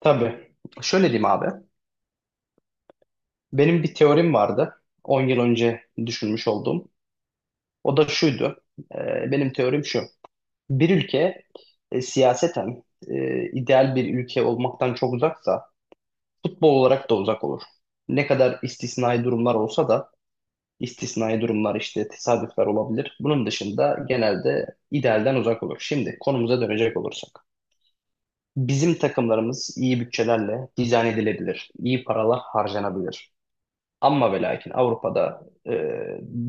Tabii. Şöyle diyeyim abi. Benim bir teorim vardı, 10 yıl önce düşünmüş olduğum. O da şuydu. Benim teorim şu. Bir ülke siyaseten ideal bir ülke olmaktan çok uzaksa futbol olarak da uzak olur. Ne kadar istisnai durumlar olsa da istisnai durumlar işte tesadüfler olabilir. Bunun dışında genelde idealden uzak olur. Şimdi konumuza dönecek olursak, bizim takımlarımız iyi bütçelerle dizayn edilebilir. İyi paralar harcanabilir. Amma ve lakin Avrupa'da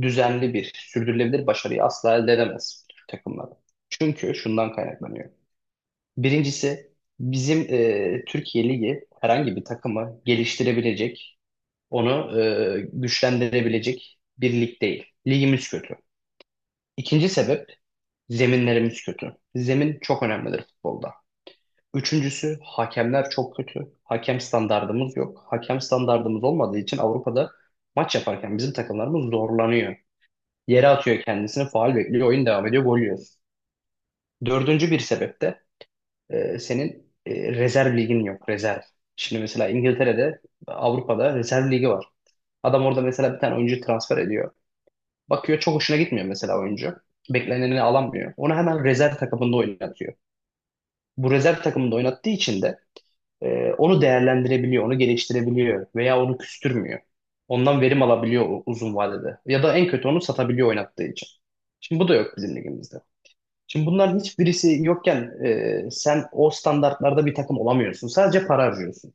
düzenli bir, sürdürülebilir başarıyı asla elde edemez Türk takımları. Çünkü şundan kaynaklanıyor. Birincisi bizim Türkiye Ligi herhangi bir takımı geliştirebilecek, onu güçlendirebilecek bir lig değil. Ligimiz kötü. İkinci sebep, zeminlerimiz kötü. Zemin çok önemlidir futbolda. Üçüncüsü, hakemler çok kötü. Hakem standardımız yok. Hakem standardımız olmadığı için Avrupa'da maç yaparken bizim takımlarımız zorlanıyor. Yere atıyor kendisini, faul bekliyor, oyun devam ediyor, gol yiyoruz. Dördüncü bir sebep de senin rezerv ligin yok, rezerv. Şimdi mesela İngiltere'de, Avrupa'da rezerv ligi var. Adam orada mesela bir tane oyuncu transfer ediyor. Bakıyor çok hoşuna gitmiyor mesela oyuncu. Beklenenini alamıyor. Onu hemen rezerv takımında oynatıyor. Bu rezerv takımında oynattığı için de onu değerlendirebiliyor, onu geliştirebiliyor veya onu küstürmüyor. Ondan verim alabiliyor uzun vadede. Ya da en kötü onu satabiliyor oynattığı için. Şimdi bu da yok bizim ligimizde. Şimdi bunların hiçbirisi yokken sen o standartlarda bir takım olamıyorsun. Sadece para harcıyorsun.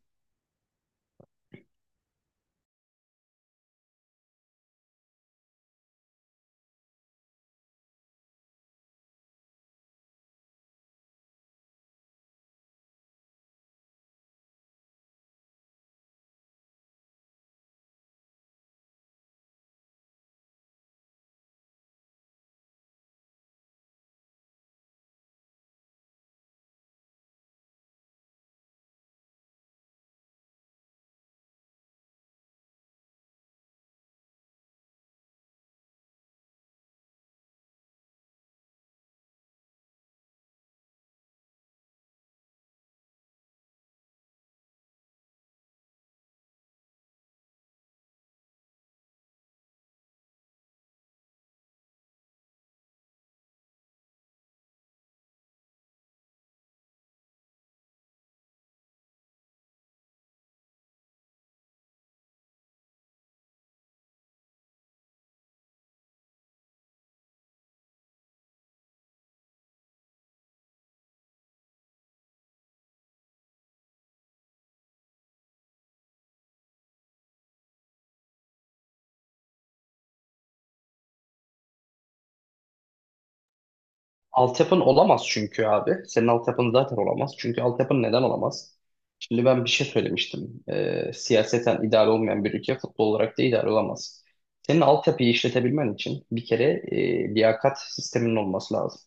Altyapın olamaz çünkü abi. Senin altyapın zaten olamaz. Çünkü altyapın neden olamaz? Şimdi ben bir şey söylemiştim. Siyaseten idare olmayan bir ülke futbol olarak da idare olamaz. Senin altyapıyı işletebilmen için bir kere liyakat sisteminin olması lazım.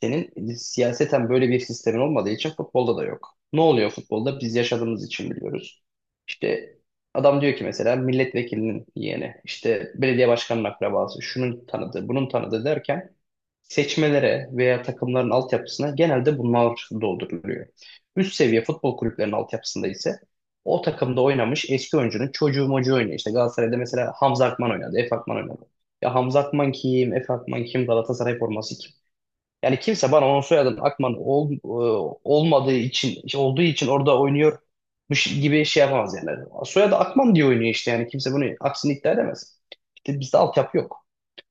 Senin siyaseten böyle bir sistemin olmadığı için futbolda da yok. Ne oluyor futbolda? Biz yaşadığımız için biliyoruz. İşte adam diyor ki mesela milletvekilinin yeğeni, işte belediye başkanının akrabası, şunun tanıdığı, bunun tanıdığı derken seçmelere veya takımların altyapısına genelde bunlar dolduruluyor. Üst seviye futbol kulüplerinin altyapısında ise o takımda oynamış eski oyuncunun çocuğu mocuğu oynuyor. İşte Galatasaray'da mesela Hamza Akman oynadı, Efe Akman oynadı. Ya Hamza Akman kim, Efe Akman kim, Galatasaray forması kim? Yani kimse bana onun soyadının Akman olmadığı için, işte olduğu için orada oynuyor bu gibi şey yapamaz yani. Soyadı Akman diye oynuyor işte, yani kimse bunu aksini iddia edemez. İşte bizde altyapı yok.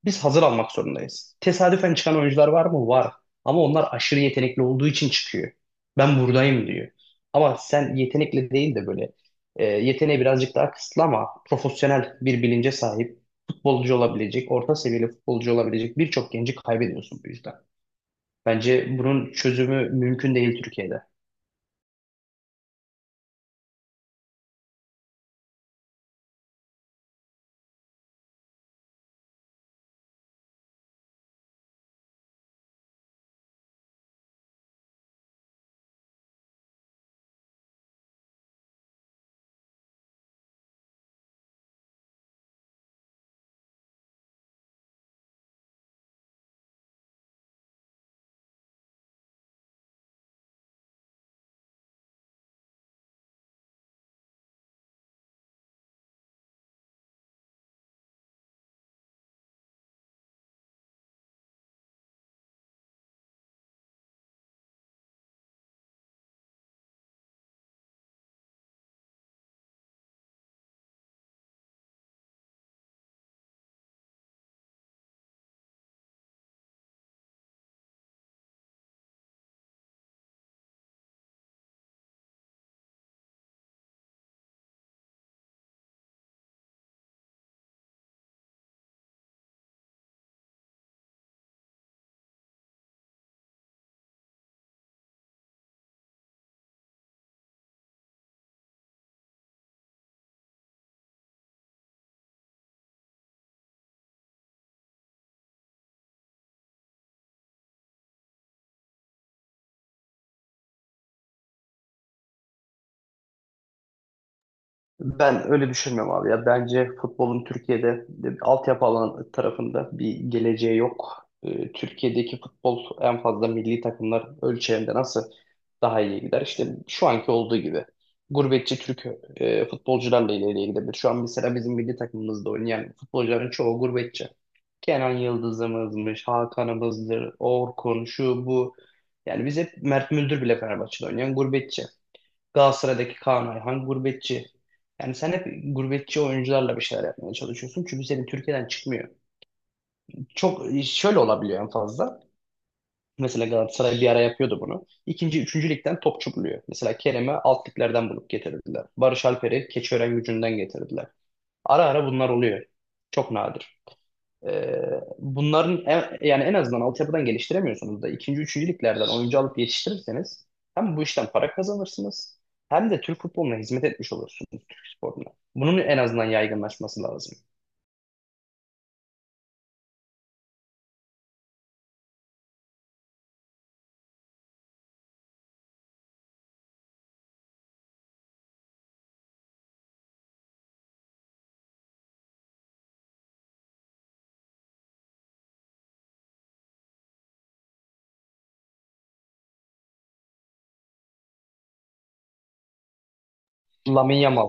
Biz hazır almak zorundayız. Tesadüfen çıkan oyuncular var mı? Var. Ama onlar aşırı yetenekli olduğu için çıkıyor. Ben buradayım diyor. Ama sen yetenekli değil de böyle yeteneği birazcık daha kısıtlı ama profesyonel bir bilince sahip futbolcu olabilecek, orta seviyeli futbolcu olabilecek birçok genci kaybediyorsun bu yüzden. Bence bunun çözümü mümkün değil Türkiye'de. Ben öyle düşünmüyorum abi ya. Bence futbolun Türkiye'de altyapı alan tarafında bir geleceği yok. E, Türkiye'deki futbol en fazla milli takımlar ölçeğinde nasıl daha iyi gider? İşte şu anki olduğu gibi. Gurbetçi Türk futbolcularla ileriye gidebilir. Şu an mesela bizim milli takımımızda oynayan futbolcuların çoğu gurbetçi. Kenan Yıldız'ımızmış, Hakan'ımızdır, Orkun, şu bu. Yani biz hep, Mert Müldür bile Fenerbahçe'de oynayan gurbetçi. Galatasaray'daki Kaan Ayhan gurbetçi. Yani sen hep gurbetçi oyuncularla bir şeyler yapmaya çalışıyorsun. Çünkü senin Türkiye'den çıkmıyor. Çok şöyle olabiliyor en fazla. Mesela Galatasaray bir ara yapıyordu bunu. İkinci, üçüncü ligden topçu buluyor. Mesela Kerem'i alt liglerden bulup getirdiler. Barış Alper'i Keçiören gücünden getirdiler. Ara ara bunlar oluyor. Çok nadir. Ee, bunların yani en azından altyapıdan geliştiremiyorsunuz da ikinci, üçüncü liglerden oyuncu alıp yetiştirirseniz hem bu işten para kazanırsınız hem de Türk futboluna hizmet etmiş olursunuz, Türk sporuna. Bunun en azından yaygınlaşması lazım. Lamine Yamal.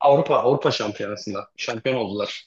Avrupa Şampiyonası'nda şampiyon oldular.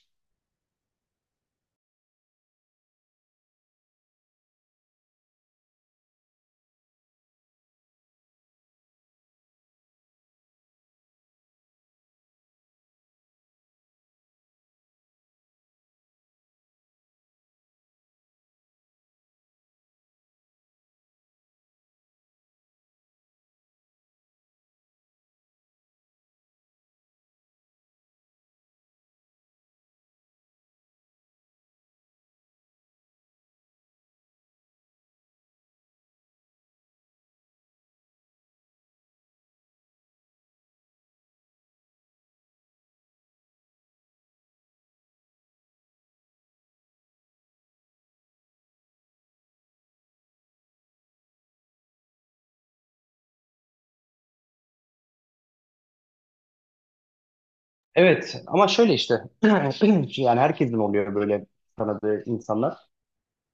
Evet ama şöyle işte yani herkesin oluyor böyle tanıdığı insanlar.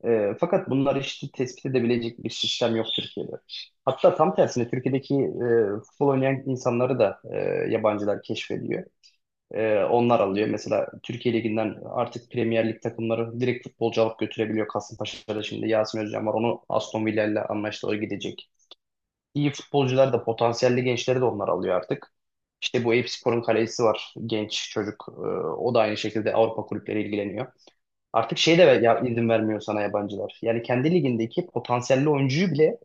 E, fakat bunları işte tespit edebilecek bir sistem yok Türkiye'de. Hatta tam tersine Türkiye'deki futbol oynayan insanları da yabancılar keşfediyor. E, onlar alıyor. Mesela Türkiye Ligi'nden artık Premier Lig takımları direkt futbolcu alıp götürebiliyor. Kasımpaşa'da şimdi Yasin Özcan var. Onu Aston Villa ile anlaştı. O gidecek. İyi futbolcular da, potansiyelli gençleri de onlar alıyor artık. İşte bu Eyüpspor'un kalecisi var. Genç çocuk. E, o da aynı şekilde Avrupa kulüpleri ilgileniyor. Artık şey de ya, izin vermiyor sana yabancılar. Yani kendi ligindeki potansiyelli oyuncuyu bile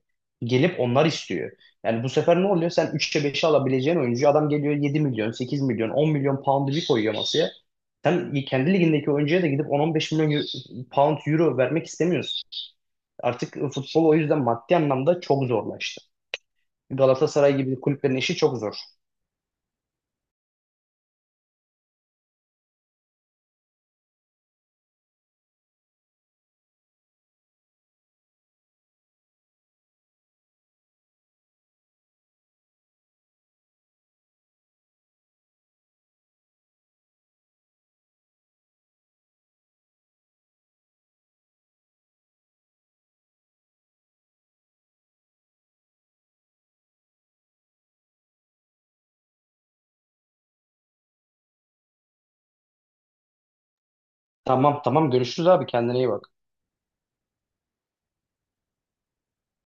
gelip onlar istiyor. Yani bu sefer ne oluyor? Sen 3'e 5'e alabileceğin oyuncuyu, adam geliyor 7 milyon, 8 milyon, 10 milyon pound'u bir koyuyor masaya. Sen kendi ligindeki oyuncuya da gidip on beş milyon pound, euro vermek istemiyorsun. Artık futbol o yüzden maddi anlamda çok zorlaştı. Galatasaray gibi kulüplerin işi çok zor. Tamam, tamam, görüşürüz abi, kendine iyi bak.